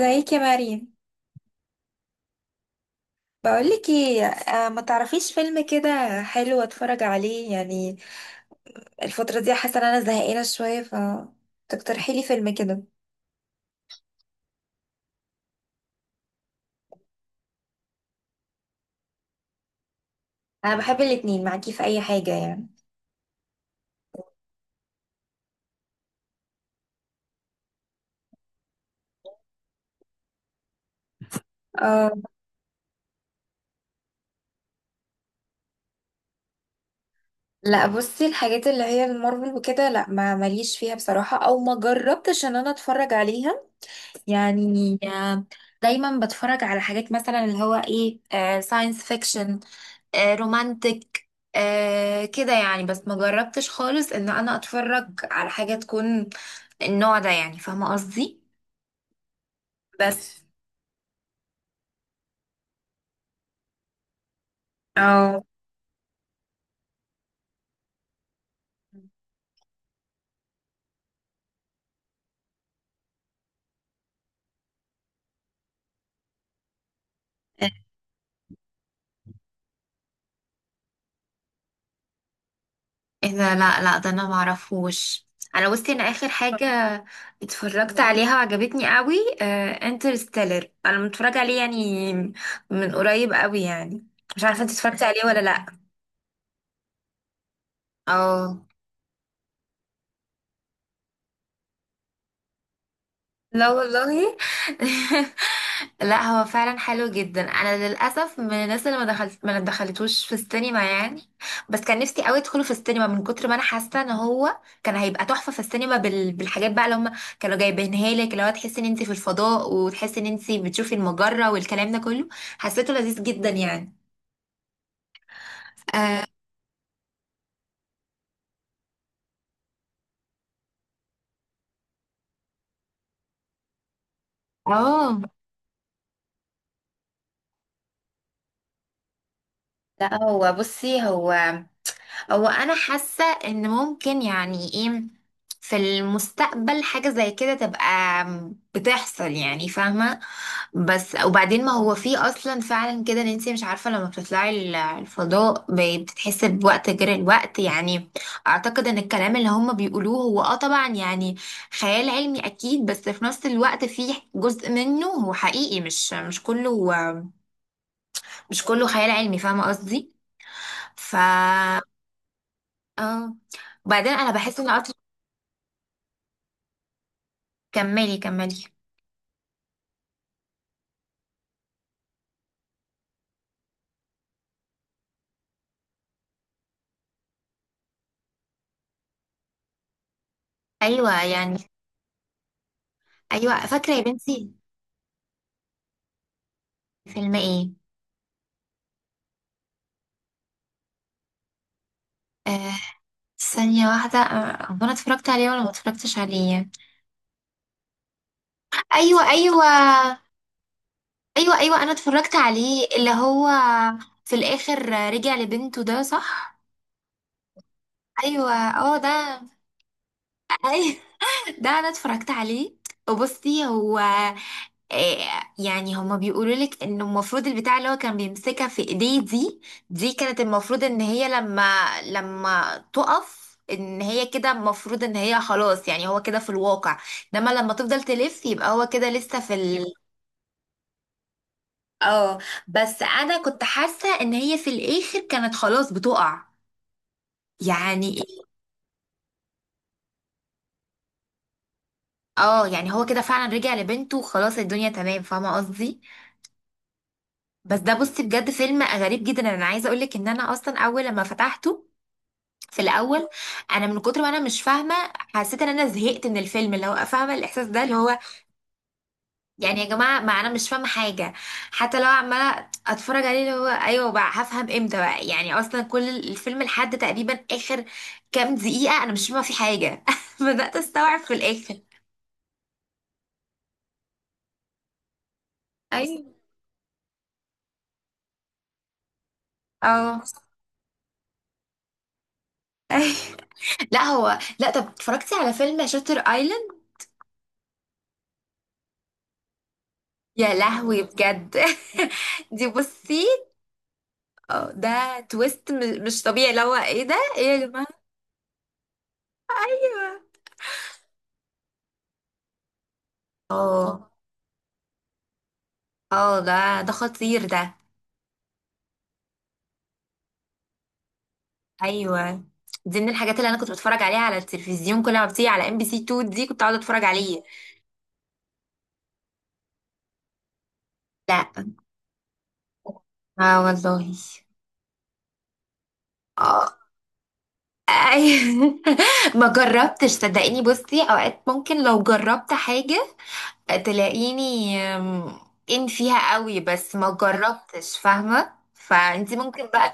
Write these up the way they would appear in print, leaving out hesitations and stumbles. ازيك يا مريم. بقولك ايه، ما تعرفيش فيلم كده حلو اتفرج عليه يعني؟ الفترة دي حاسة ان انا زهقانة شوية، ف تقترحي لي فيلم كده. انا بحب الاتنين، معاكي في اي حاجة يعني. اه، لا بصي، الحاجات اللي هي المارفل وكده لا ما ماليش فيها بصراحة، او ما جربتش ان انا اتفرج عليها يعني. دايما بتفرج على حاجات مثلا اللي هو ايه، ساينس فيكشن، رومانتك، كده يعني، بس ما جربتش خالص ان انا اتفرج على حاجة تكون النوع ده يعني، فاهمة قصدي؟ بس. او اذا، لا لا، ده انا ما اعرفوش. انا بصي، انا اخر حاجة اتفرجت عليها وعجبتني قوي انترستيلر، انا متفرجة عليه يعني من قريب قوي يعني. مش عارفة انت اتفرجتي عليه ولا لا. اه، لا والله لا هو فعلا حلو جدا. انا للاسف من الناس اللي ما دخلتوش في السينما يعني. بس كان نفسي قوي ادخله في السينما، من كتر ما انا حاسه ان هو كان هيبقى تحفه في السينما بالحاجات بقى اللي هم كانوا جايبينها لك، اللي هو تحسي ان انت في الفضاء، وتحسي ان انت بتشوفي المجره والكلام ده كله. حسيته لذيذ جدا يعني. اه. آه. لا هو بصي، هو انا حاسه ان ممكن يعني ايه، في المستقبل حاجه زي كده تبقى بتحصل يعني، فاهمه؟ بس وبعدين ما هو في اصلا فعلا كده، ان انت مش عارفه لما بتطلعي الفضاء بتتحسي بوقت غير الوقت يعني. اعتقد ان الكلام اللي هم بيقولوه هو طبعا يعني خيال علمي اكيد، بس في نفس الوقت في جزء منه هو حقيقي، مش كله مش كله خيال علمي، فاهمه قصدي؟ ف اه، وبعدين انا بحس ان قطر. كملي كملي. ايوه يعني. ايوه فاكره يا بنتي. فيلم ايه؟ آه، ثانيه واحده، هو انا اتفرجت عليه ولا ما اتفرجتش عليه؟ ايوه ايوه. ايوه ايوه، انا اتفرجت عليه، اللي هو في الاخر رجع لبنته، ده صح؟ ايوه اه، ده ايوه ده انا اتفرجت عليه. وبصي هو، آه، يعني هما بيقولوا لك انه المفروض البتاع اللي هو كان بيمسكها في ايديه دي، دي كانت المفروض ان هي لما لما تقف ان هي كده، المفروض ان هي خلاص يعني، هو كده في الواقع. انما لما تفضل تلف، يبقى هو كده لسه في ال. اه، بس انا كنت حاسة ان هي في الاخر كانت خلاص بتقع. يعني إيه؟ اه يعني هو كده فعلا رجع لبنته وخلاص الدنيا تمام، فاهمة قصدي. بس ده بصي بجد فيلم غريب جدا. انا عايزة اقولك ان انا اصلا اول لما فتحته في الاول، انا من كتر ما انا مش فاهمه حسيت ان انا زهقت من الفيلم، اللي هو فاهمه الاحساس ده، اللي هو يعني يا جماعه ما انا مش فاهمه حاجه. حتى لو عماله اتفرج عليه، اللي هو ايوه بقى هفهم امتى بقى يعني؟ اصلا كل الفيلم لحد تقريبا اخر كام دقيقه انا مش فاهمه في حاجه بدات استوعب في الاخر. ايوه اه أيوة. لا هو، لا طب اتفرجتي على فيلم شاتر ايلاند؟ يا لهوي بجد. دي بصي، اه ده تويست مش طبيعي، اللي هو ايه ده، ايه يا جماعه! اه اه، ده خطير ده. ايوه، دي من الحاجات اللي انا كنت بتفرج عليها على التلفزيون، كل ما بتيجي على ام بي سي 2 دي كنت اقعد اتفرج عليه. لا. اه والله. اه أيوة. ما جربتش صدقيني. بصي، اوقات ممكن لو جربت حاجة تلاقيني ان فيها قوي، بس ما جربتش، فاهمة؟ فانتي ممكن بقى.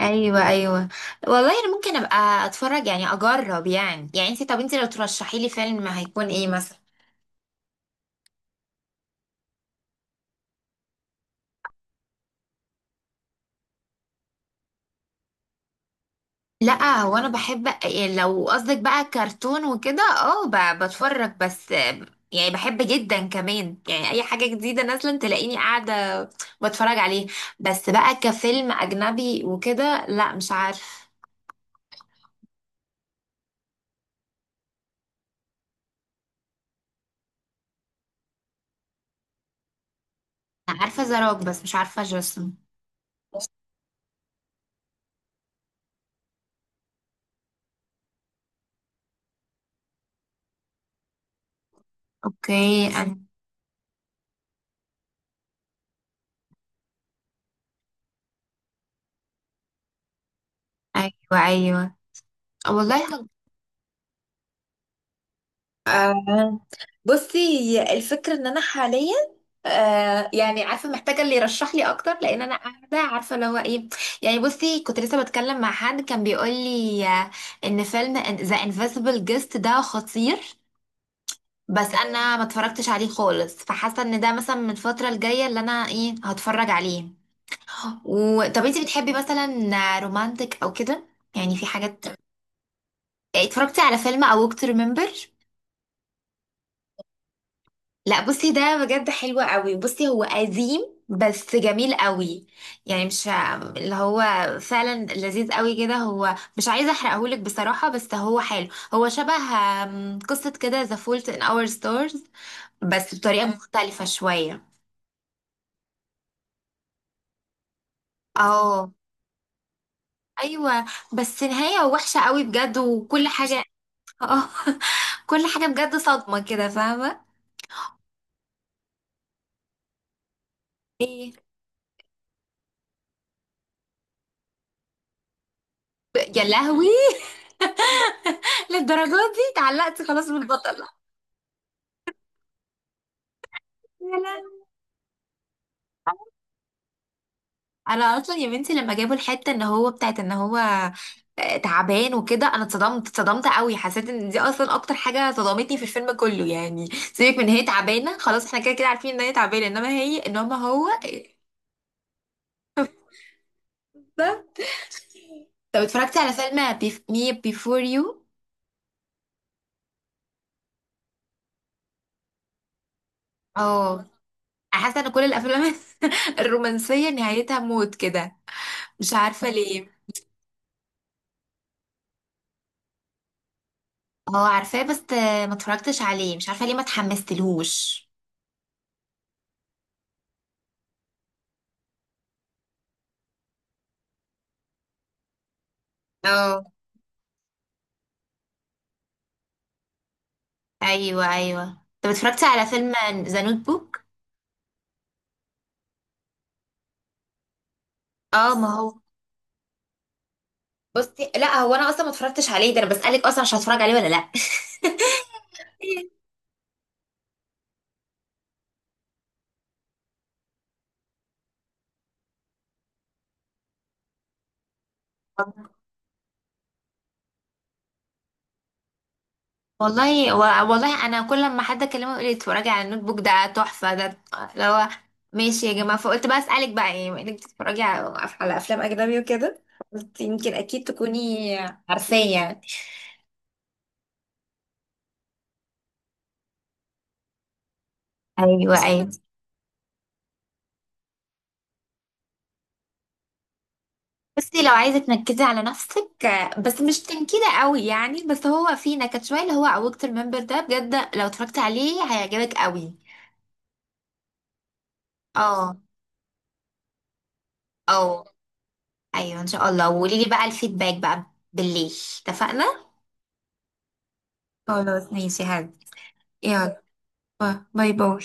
ايوه ايوه. والله انا ممكن ابقى اتفرج يعني، اجرب يعني يعني، انت طب انت لو ترشحي لي فيلم ما هيكون ايه مثلا؟ لا هو انا بحب، لو قصدك بقى كرتون وكده اه، بتفرج بس يعني، بحب جدا كمان يعني. اي حاجه جديده نازله تلاقيني قاعده بتفرج عليه. بس بقى كفيلم اجنبي وكده لا مش عارفه. عارفه زراك بس مش عارفه جسم. اوكي أنا. ايوه ايوه. والله مم، بصي هي الفكرة ان انا حاليا، يعني عارفة، محتاجة اللي يرشح لي اكتر، لان انا قاعدة عارفة اللي هو ايه. يعني بصي، كنت لسه بتكلم مع حد كان بيقول لي ان فيلم ذا انفيزبل جيست ده خطير. بس انا ما اتفرجتش عليه خالص، فحاسة ان ده مثلا من الفترة الجاية اللي انا ايه هتفرج عليه. طب انتي بتحبي مثلا رومانتك او كده يعني؟ في حاجات يعني، اتفرجتي على فيلم A Walk to Remember؟ لا بصي ده بجد حلو قوي. بصي هو قديم بس جميل قوي، يعني مش، اللي هو فعلا لذيذ قوي كده، هو مش عايزه احرقهولك بصراحه بس هو حلو. هو شبه، قصه كده ذا فولت ان اور ستارز، بس بطريقه مختلفه شويه. اه. ايوه، بس نهايه وحشه قوي بجد وكل حاجه. اه كل حاجه بجد صدمه كده، فاهمه؟ ايه؟ يا لهوي، للدرجه دي اتعلقتي خلاص بالبطل؟ يا لهوي. انا اصلا يا بنتي لما جابوا الحته ان هو، بتاعت ان هو تعبان وكده، انا اتصدمت اتصدمت قوي. حسيت ان دي اصلا اكتر حاجه صدمتني في الفيلم كله يعني. سيبك من هي تعبانه خلاص، احنا كده كده عارفين ان هي تعبانه، انما هي، انما هو. بالظبط. طب اتفرجتي على فيلم مي بيفور يو؟ اه، أنا حاسه ان كل الافلام الرومانسيه نهايتها موت كده، مش عارفه ليه. اه عارفاه بس ما اتفرجتش عليه، مش عارفه ليه ما اتحمستلهوش. آه. ايوه ايوه، طب اتفرجتي على فيلم ذا نوت بوك؟ اه ما هو، بصي لا هو انا اصلا ما اتفرجتش عليه، ده انا بسالك اصلا مش هتفرج عليه ولا لا. والله، والله انا كل لما حد اكلمه يقول لي اتفرجي على النوت بوك ده تحفه ده، اللي هو ماشي يا جماعه، فقلت بقى اسالك بقى ايه بما انك بتتفرجي على افلام اجنبي وكده، قلت يمكن اكيد تكوني عارفاه يعني. ايوه ايوه. بصي لو عايزة تنكدي على نفسك بس مش تنكدة قوي يعني، بس هو في نكد شوية اللي هو أوكت الممبر ده، بجد لو اتفرجت عليه هيعجبك قوي. اه. اه ايوه ان شاء الله، وقولي لي بقى الفيدباك بقى بالليل، اتفقنا؟ خلاص ماشي هاد. يلا. باي باي.